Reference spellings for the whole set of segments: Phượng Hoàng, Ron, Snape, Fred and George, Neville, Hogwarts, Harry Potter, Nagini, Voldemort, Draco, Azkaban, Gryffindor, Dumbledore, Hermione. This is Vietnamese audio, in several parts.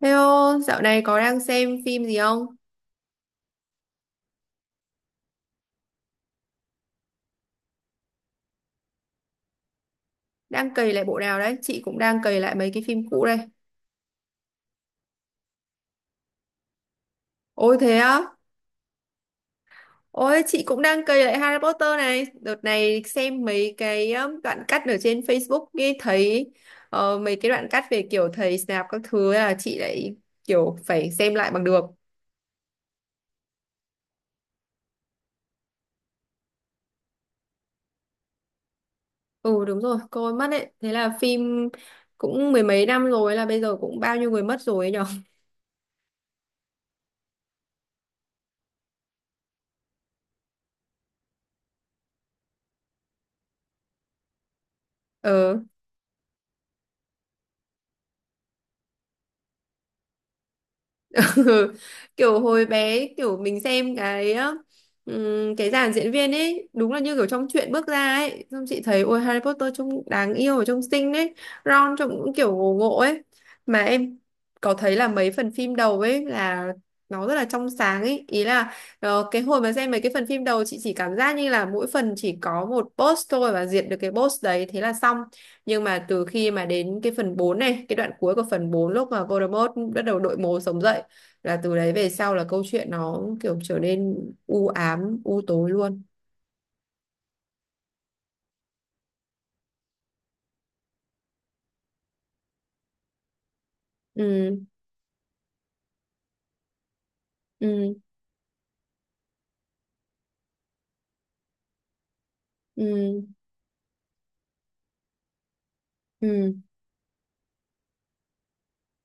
Hello, dạo này có đang xem phim gì không? Đang cày lại bộ nào đấy? Chị cũng đang cày lại mấy cái phim cũ đây. Ôi thế á? Ôi chị cũng đang cày lại Harry Potter này. Đợt này xem mấy cái đoạn cắt ở trên Facebook ấy thấy mấy cái đoạn cắt về kiểu thầy Snape các thứ ấy là chị lại kiểu phải xem lại bằng được. Ừ, đúng rồi, coi mất đấy. Thế là phim cũng mười mấy năm rồi là bây giờ cũng bao nhiêu người mất rồi ấy nhở? ờ Kiểu hồi bé kiểu mình xem cái dàn diễn viên ấy đúng là như kiểu trong truyện bước ra ấy, xong chị thấy ôi Harry Potter trông đáng yêu và trông xinh ấy. Ron trông cũng kiểu ngộ ngộ ấy. Mà em có thấy là mấy phần phim đầu ấy là nó rất là trong sáng ấy, ý là cái hồi mà xem mấy cái phần phim đầu chị chỉ cảm giác như là mỗi phần chỉ có một boss thôi và diệt được cái boss đấy thế là xong. Nhưng mà từ khi mà đến cái phần 4 này, cái đoạn cuối của phần 4 lúc mà Voldemort bắt đầu đội mồ sống dậy là từ đấy về sau là câu chuyện nó kiểu trở nên u ám u tối luôn. Ừ, ừ, ừ, ừ, ừ,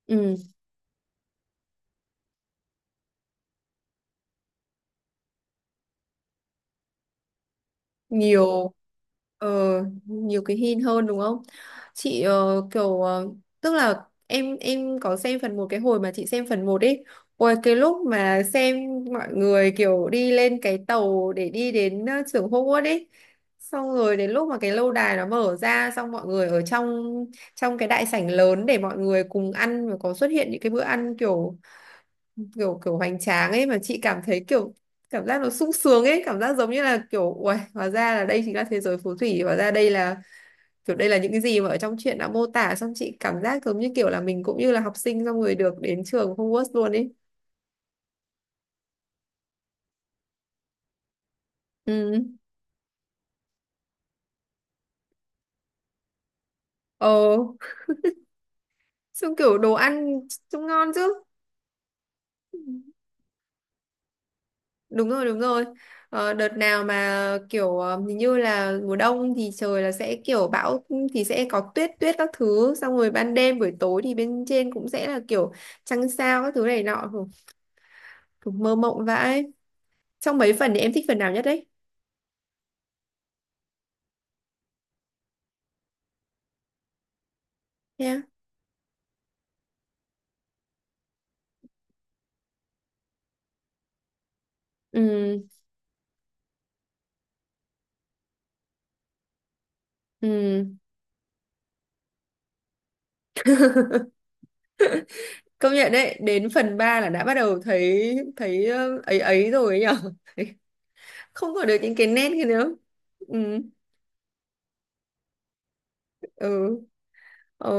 ừ. nhiều ờ, nhiều cái hint hơn đúng không? Chị tức là em có xem phần một. Cái hồi mà chị xem phần một ấy, ôi cái lúc mà xem mọi người kiểu đi lên cái tàu để đi đến trường Hogwarts ấy, xong rồi đến lúc mà cái lâu đài nó mở ra xong mọi người ở trong, trong cái đại sảnh lớn để mọi người cùng ăn và có xuất hiện những cái bữa ăn kiểu kiểu kiểu hoành tráng ấy, mà chị cảm thấy kiểu cảm giác nó sung sướng ấy, cảm giác giống như là kiểu uầy, hóa ra là đây chính là thế giới phù thủy, hóa ra đây là kiểu đây là những cái gì mà ở trong truyện đã mô tả, xong chị cảm giác giống như kiểu là mình cũng như là học sinh xong rồi được đến trường Hogwarts luôn ấy. Ừ, ờ. Xong kiểu đồ ăn trông ngon chứ. Đúng rồi, đúng rồi. Ờ, đợt nào mà kiểu hình như là mùa đông thì trời là sẽ kiểu bão thì sẽ có tuyết tuyết các thứ, xong rồi ban đêm buổi tối thì bên trên cũng sẽ là kiểu trăng sao các thứ này nọ. Hử, kiểu mơ mộng vãi. Trong mấy phần thì em thích phần nào nhất đấy? Yeah. Ừ, ừ. Công nhận đấy, đến phần 3 là đã bắt đầu thấy thấy ấy ấy rồi ấy nhở. Không còn được những cái nét kia nữa. Ừ. Ừ. Ờ.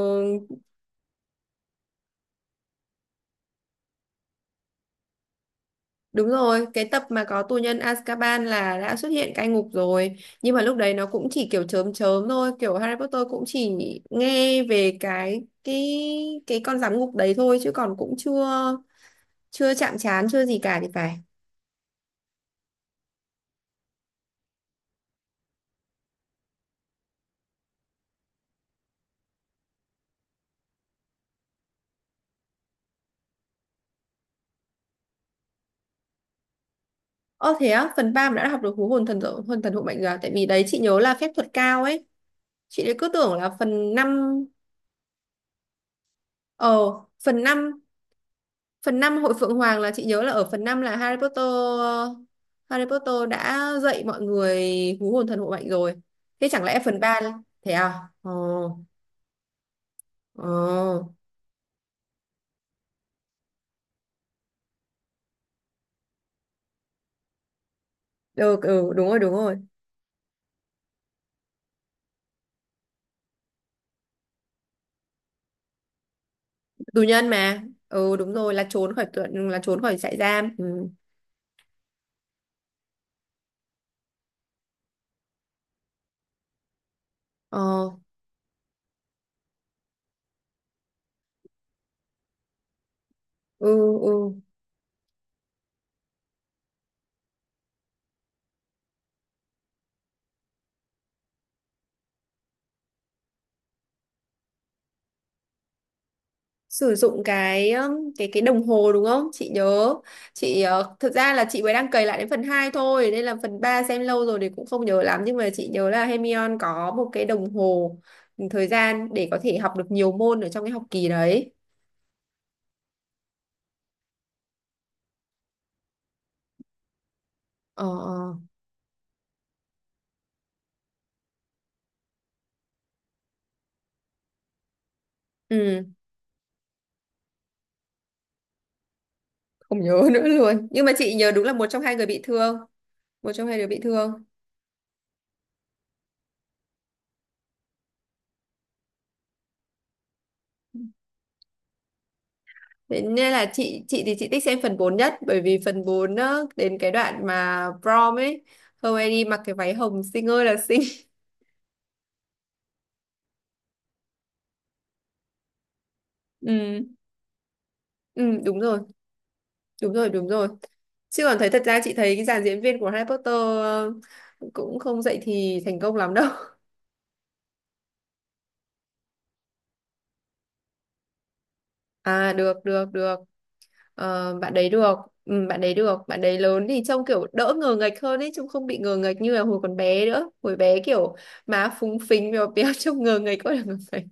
Đúng rồi, cái tập mà có tù nhân Azkaban là đã xuất hiện cai ngục rồi. Nhưng mà lúc đấy nó cũng chỉ kiểu chớm chớm thôi, kiểu Harry Potter cũng chỉ nghe về cái con giám ngục đấy thôi chứ còn cũng chưa chưa chạm trán chưa gì cả thì phải. Ơ thế á, phần ba mà đã học được hú hồn thần hộ mệnh rồi à? Tại vì đấy chị nhớ là phép thuật cao ấy. Chị lại cứ tưởng là phần năm, ờ phần năm. Phần 5 Hội Phượng Hoàng là chị nhớ là ở phần 5 là Harry Potter đã dạy mọi người hú hồn thần hộ mệnh rồi. Thế chẳng lẽ phần ba, thế à? Ồ, ồ. Được, ừ, đúng rồi, đúng rồi. Tù nhân mà. Ừ, đúng rồi, là trốn khỏi trại giam. Ừ. Ờ, ừ, ừ. Sử dụng cái đồng hồ đúng không chị nhớ? Chị thực ra là chị mới đang cày lại đến phần 2 thôi nên là phần 3 xem lâu rồi thì cũng không nhớ lắm, nhưng mà chị nhớ là Hermione có một cái đồng hồ, ừ, thời gian để có thể học được nhiều môn ở trong cái học kỳ đấy. Ờ, ờ. Ừ, không nhớ nữa luôn, nhưng mà chị nhớ đúng là một trong hai người bị thương, một trong hai đứa bị thương. Thế nên là chị thì chị thích xem phần 4 nhất, bởi vì phần 4 á, đến cái đoạn mà prom ấy Hermione mặc cái váy hồng xinh ơi là xinh. Ừ. Ừ, đúng rồi, đúng rồi, đúng rồi. Chứ còn thấy thật ra chị thấy cái dàn diễn viên của Harry Potter cũng không dậy thì thành công lắm đâu. À, được, được, được. Ờ, bạn đấy được, ừ, bạn đấy được. Bạn đấy lớn thì trông kiểu đỡ ngờ nghệch hơn ấy, trông không bị ngờ nghệch như là hồi còn bé nữa. Hồi bé kiểu má phúng phính, béo béo, trông ngờ nghệch quá là ngờ nghệch.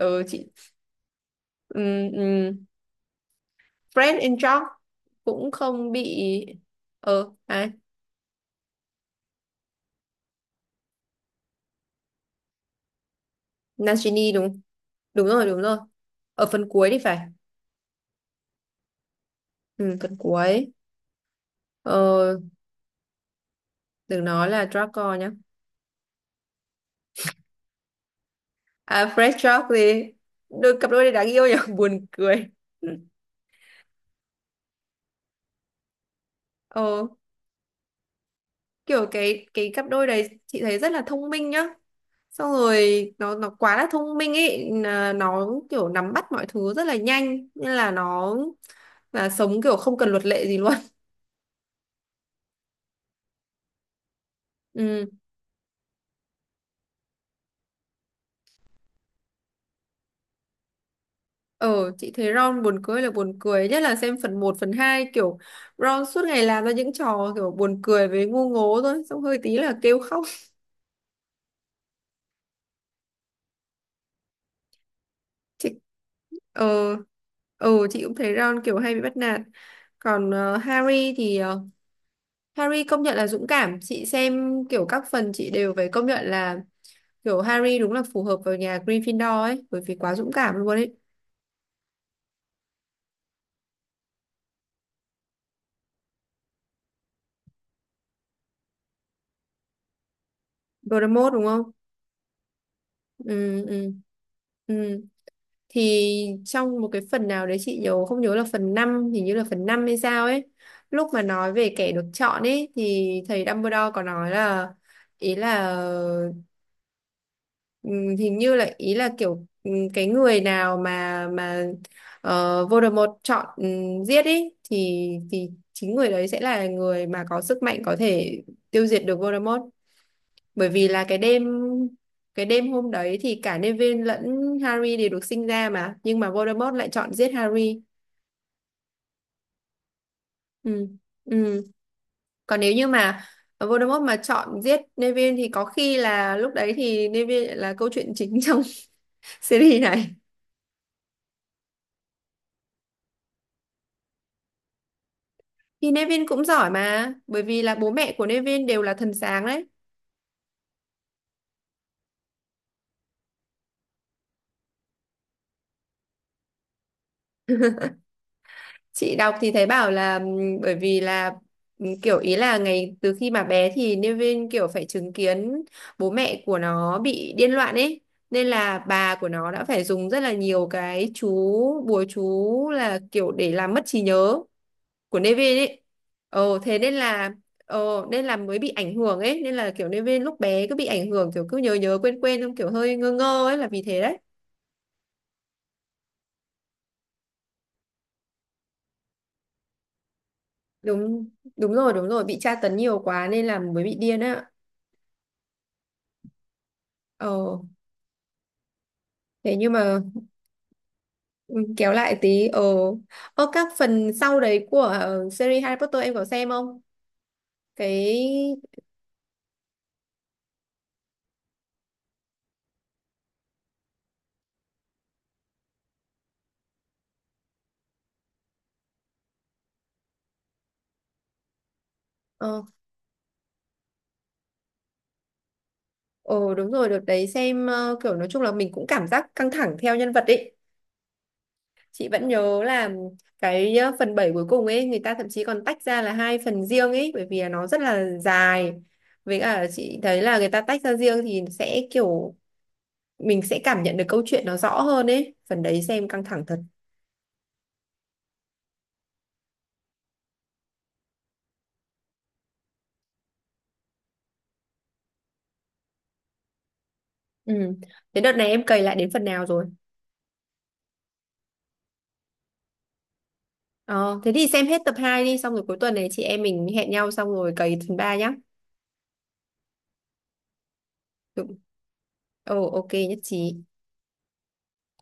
Ừ, chị. Ừ, ừ. Fred and George cũng không bị. Ờ, ai? Nagini đúng. Đúng rồi, đúng rồi. Ở phần cuối thì phải. Ừ, phần cuối. Ờ, đừng nói là Draco nhá. À, Fred George đi. Đôi cặp đôi này đáng yêu nhỉ, buồn cười. Ờ, kiểu cái cặp đôi đấy chị thấy rất là thông minh nhá. Xong rồi nó quá là thông minh ấy, là nó kiểu nắm bắt mọi thứ rất là nhanh nên là nó là sống kiểu không cần luật lệ gì luôn. Ừ. Ờ, chị thấy Ron buồn cười là buồn cười, nhất là xem phần một phần 2 kiểu Ron suốt ngày làm ra những trò kiểu buồn cười với ngu ngố thôi, xong hơi tí là kêu khóc. Chị ờ ờ chị cũng thấy Ron kiểu hay bị bắt nạt. Còn Harry công nhận là dũng cảm, chị xem kiểu các phần chị đều phải công nhận là kiểu Harry đúng là phù hợp vào nhà Gryffindor ấy, bởi vì quá dũng cảm luôn ấy. Voldemort đúng không? Ừ, ừ, ừ. Thì trong một cái phần nào đấy chị không nhớ là phần năm, hình như là phần 5 hay sao ấy, lúc mà nói về kẻ được chọn ấy thì thầy Dumbledore có nói là, ý là hình như là ý là kiểu cái người nào mà Voldemort chọn giết ý thì chính người đấy sẽ là người mà có sức mạnh có thể tiêu diệt được Voldemort, bởi vì là cái đêm, cái đêm hôm đấy thì cả Neville lẫn Harry đều được sinh ra mà, nhưng mà Voldemort lại chọn giết Harry. Ừ. Ừ. Còn nếu như mà Voldemort mà chọn giết Neville thì có khi là lúc đấy thì Neville là câu chuyện chính trong series này. Thì Nevin cũng giỏi mà, bởi vì là bố mẹ của Nevin đều là thần sáng đấy. Chị đọc thì thấy bảo là bởi vì là kiểu ý là ngày từ khi mà bé thì Nevin kiểu phải chứng kiến bố mẹ của nó bị điên loạn ấy. Nên là bà của nó đã phải dùng rất là nhiều cái chú, bùa chú là kiểu để làm mất trí nhớ của Nevin ấy. Ồ, thế nên là. Ồ, nên là mới bị ảnh hưởng ấy. Nên là kiểu Nevin lúc bé cứ bị ảnh hưởng, kiểu cứ nhớ nhớ quên quên, không, kiểu hơi ngơ ngơ ấy là vì thế đấy. Đúng Đúng rồi, đúng rồi, bị tra tấn nhiều quá nên là mới bị điên á. ờ Thế nhưng mà, ừ, kéo lại tí. Ờ, ờ các phần sau đấy của series Harry Potter em có xem không? Cái ờ ờ Đúng rồi, đợt đấy xem kiểu nói chung là mình cũng cảm giác căng thẳng theo nhân vật ấy, chị vẫn nhớ là cái phần 7 cuối cùng ấy người ta thậm chí còn tách ra là hai phần riêng ấy, bởi vì là nó rất là dài, với cả chị thấy là người ta tách ra riêng thì sẽ kiểu mình sẽ cảm nhận được câu chuyện nó rõ hơn ấy, phần đấy xem căng thẳng thật. Ừ. Thế đợt này em cày lại đến phần nào rồi? Ờ, thế thì xem hết tập 2 đi xong rồi cuối tuần này chị em mình hẹn nhau xong rồi cày phần 3 nhá. Ừ, ồ, ok, nhất trí.